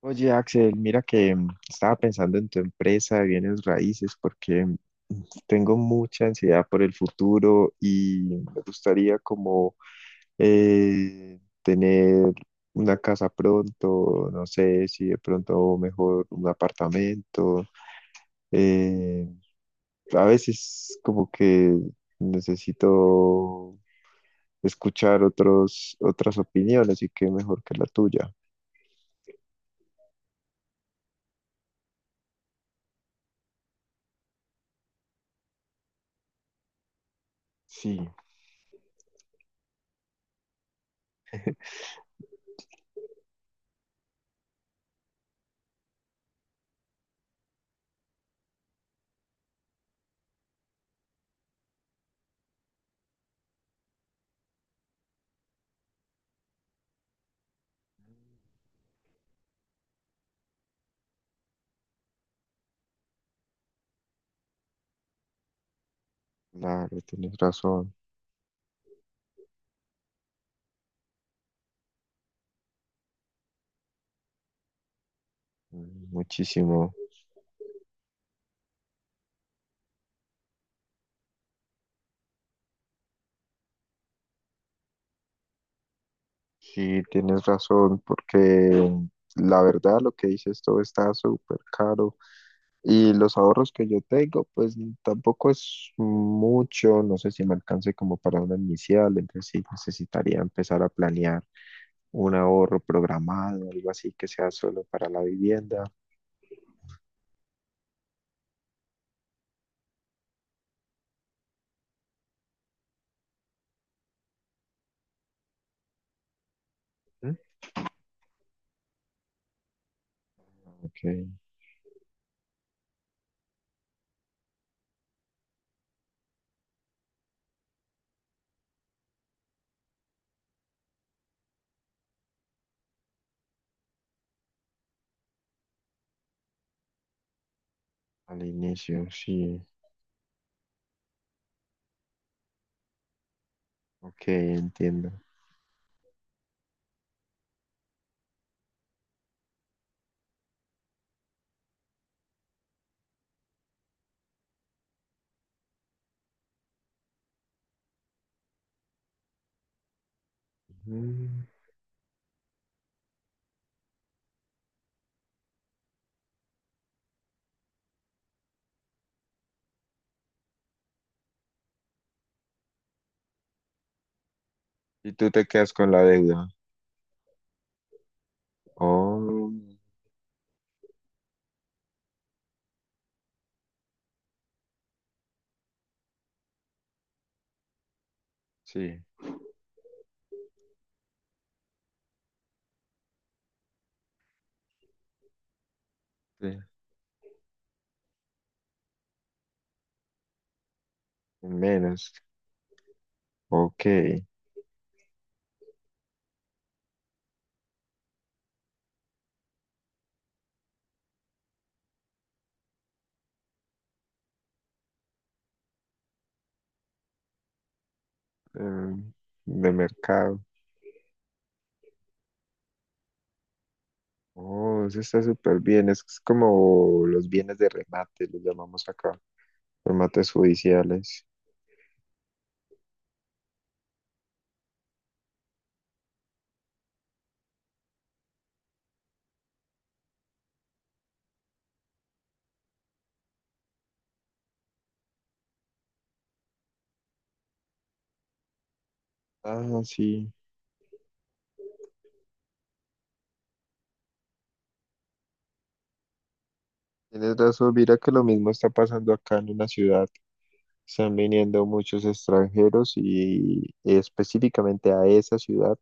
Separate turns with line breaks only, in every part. Oye, Axel, mira que estaba pensando en tu empresa de bienes raíces porque tengo mucha ansiedad por el futuro y me gustaría como tener una casa pronto, no sé si de pronto mejor un apartamento. eh, a veces como que necesito escuchar otras opiniones y qué mejor que la tuya. Sí, claro, tienes razón, muchísimo. Sí, tienes razón, porque la verdad lo que dices todo está súper caro y los ahorros que yo tengo, pues tampoco es mucho, no sé si me alcance como para una inicial, entonces sí necesitaría empezar a planear un ahorro programado, algo así que sea solo para la vivienda. ¿Mm? Ok, al inicio, sí. Ok, entiendo. Mm. Y tú te quedas con la deuda. Oh, sí, sí. Menos. Ok. em, de mercado. Oh, eso está súper bien. Es como los bienes de remate, los llamamos acá. Remates judiciales. Ah, sí. Tienes razón, mira que lo mismo está pasando acá en una ciudad. Están viniendo muchos extranjeros y específicamente a esa ciudad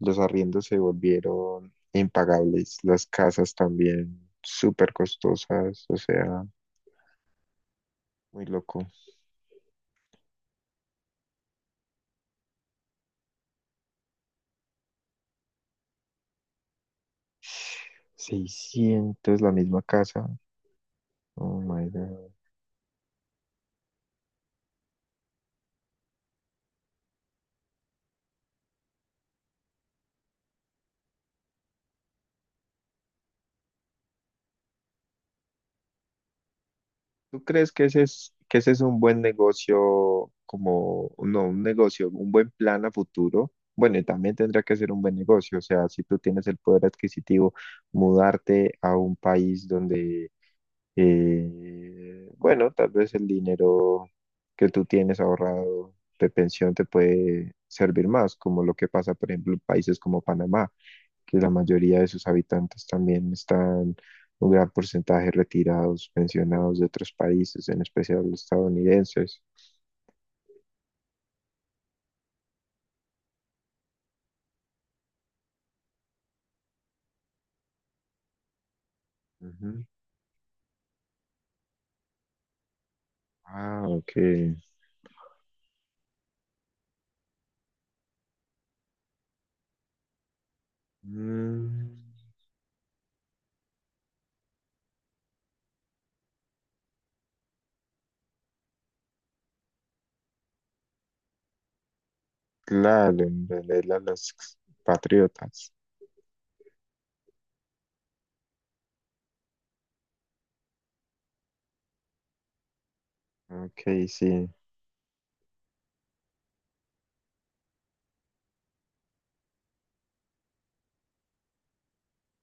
los arriendos se volvieron impagables, las casas también súper costosas, o sea, muy loco. 600 la misma casa. Oh my God. ¿Tú crees que ese es un buen negocio, como, no, un negocio, un buen plan a futuro? Bueno, y también tendrá que ser un buen negocio, o sea, si tú tienes el poder adquisitivo, mudarte a un país donde, bueno, tal vez el dinero que tú tienes ahorrado de pensión te puede servir más, como lo que pasa, por ejemplo, en países como Panamá, que la mayoría de sus habitantes también están un gran porcentaje retirados, pensionados de otros países, en especial los estadounidenses. Ujú. Ah, ok. Mm, claro, en realidad los patriotas. Ok, sí.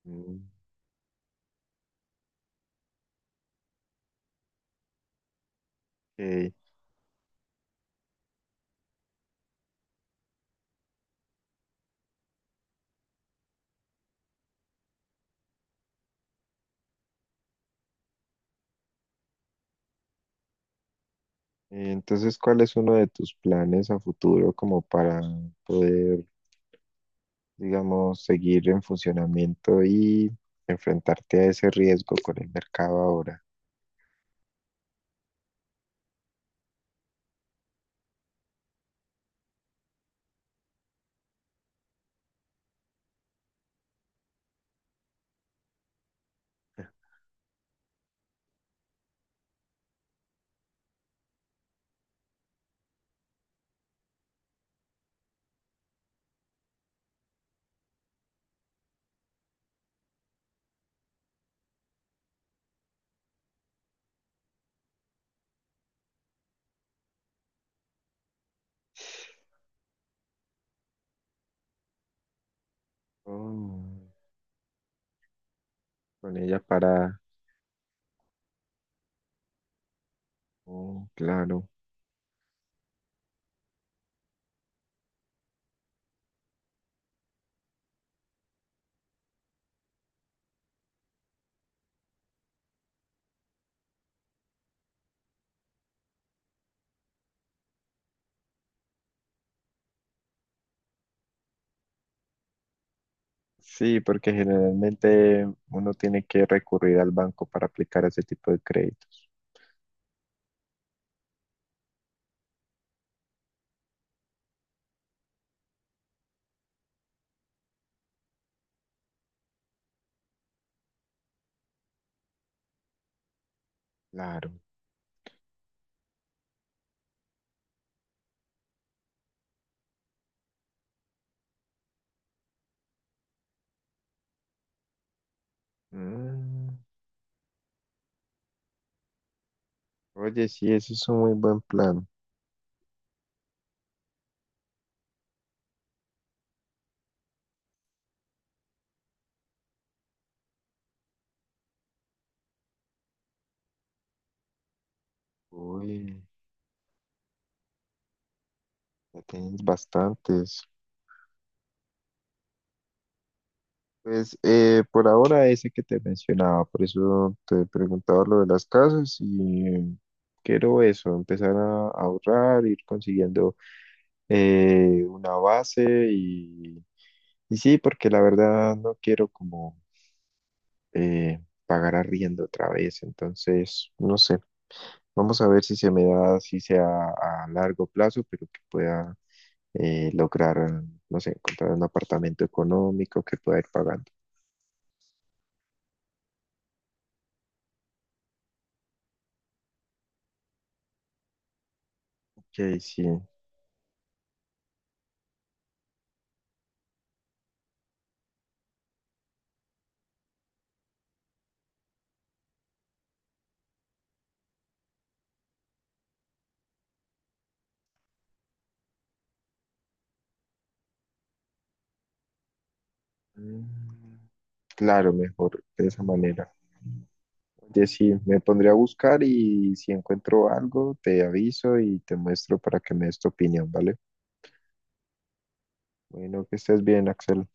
Mm, ok. Entonces, ¿cuál es uno de tus planes a futuro como para poder, digamos, seguir en funcionamiento y enfrentarte a ese riesgo con el mercado ahora? Oh, con ella para... Oh, claro. Sí, porque generalmente uno tiene que recurrir al banco para aplicar ese tipo de créditos. Claro. Mm. Oye, sí, ese es un muy buen plan. Uy, ya tienes bastantes. Pues por ahora ese que te mencionaba, por eso te preguntaba lo de las casas y quiero eso, empezar a ahorrar, ir consiguiendo una base y, y sí, porque la verdad no quiero como eh, pagar arriendo otra vez, entonces no sé, vamos a ver si se me da, si sea a largo plazo, pero que pueda lograr, no sé, encontrar un apartamento económico que pueda ir pagando. Ok, sí. Mm. Claro, mejor de esa manera. Oye, sí, me pondré a buscar y si encuentro algo, te aviso y te muestro para que me des tu opinión, ¿vale? Bueno, que estés bien, Axel.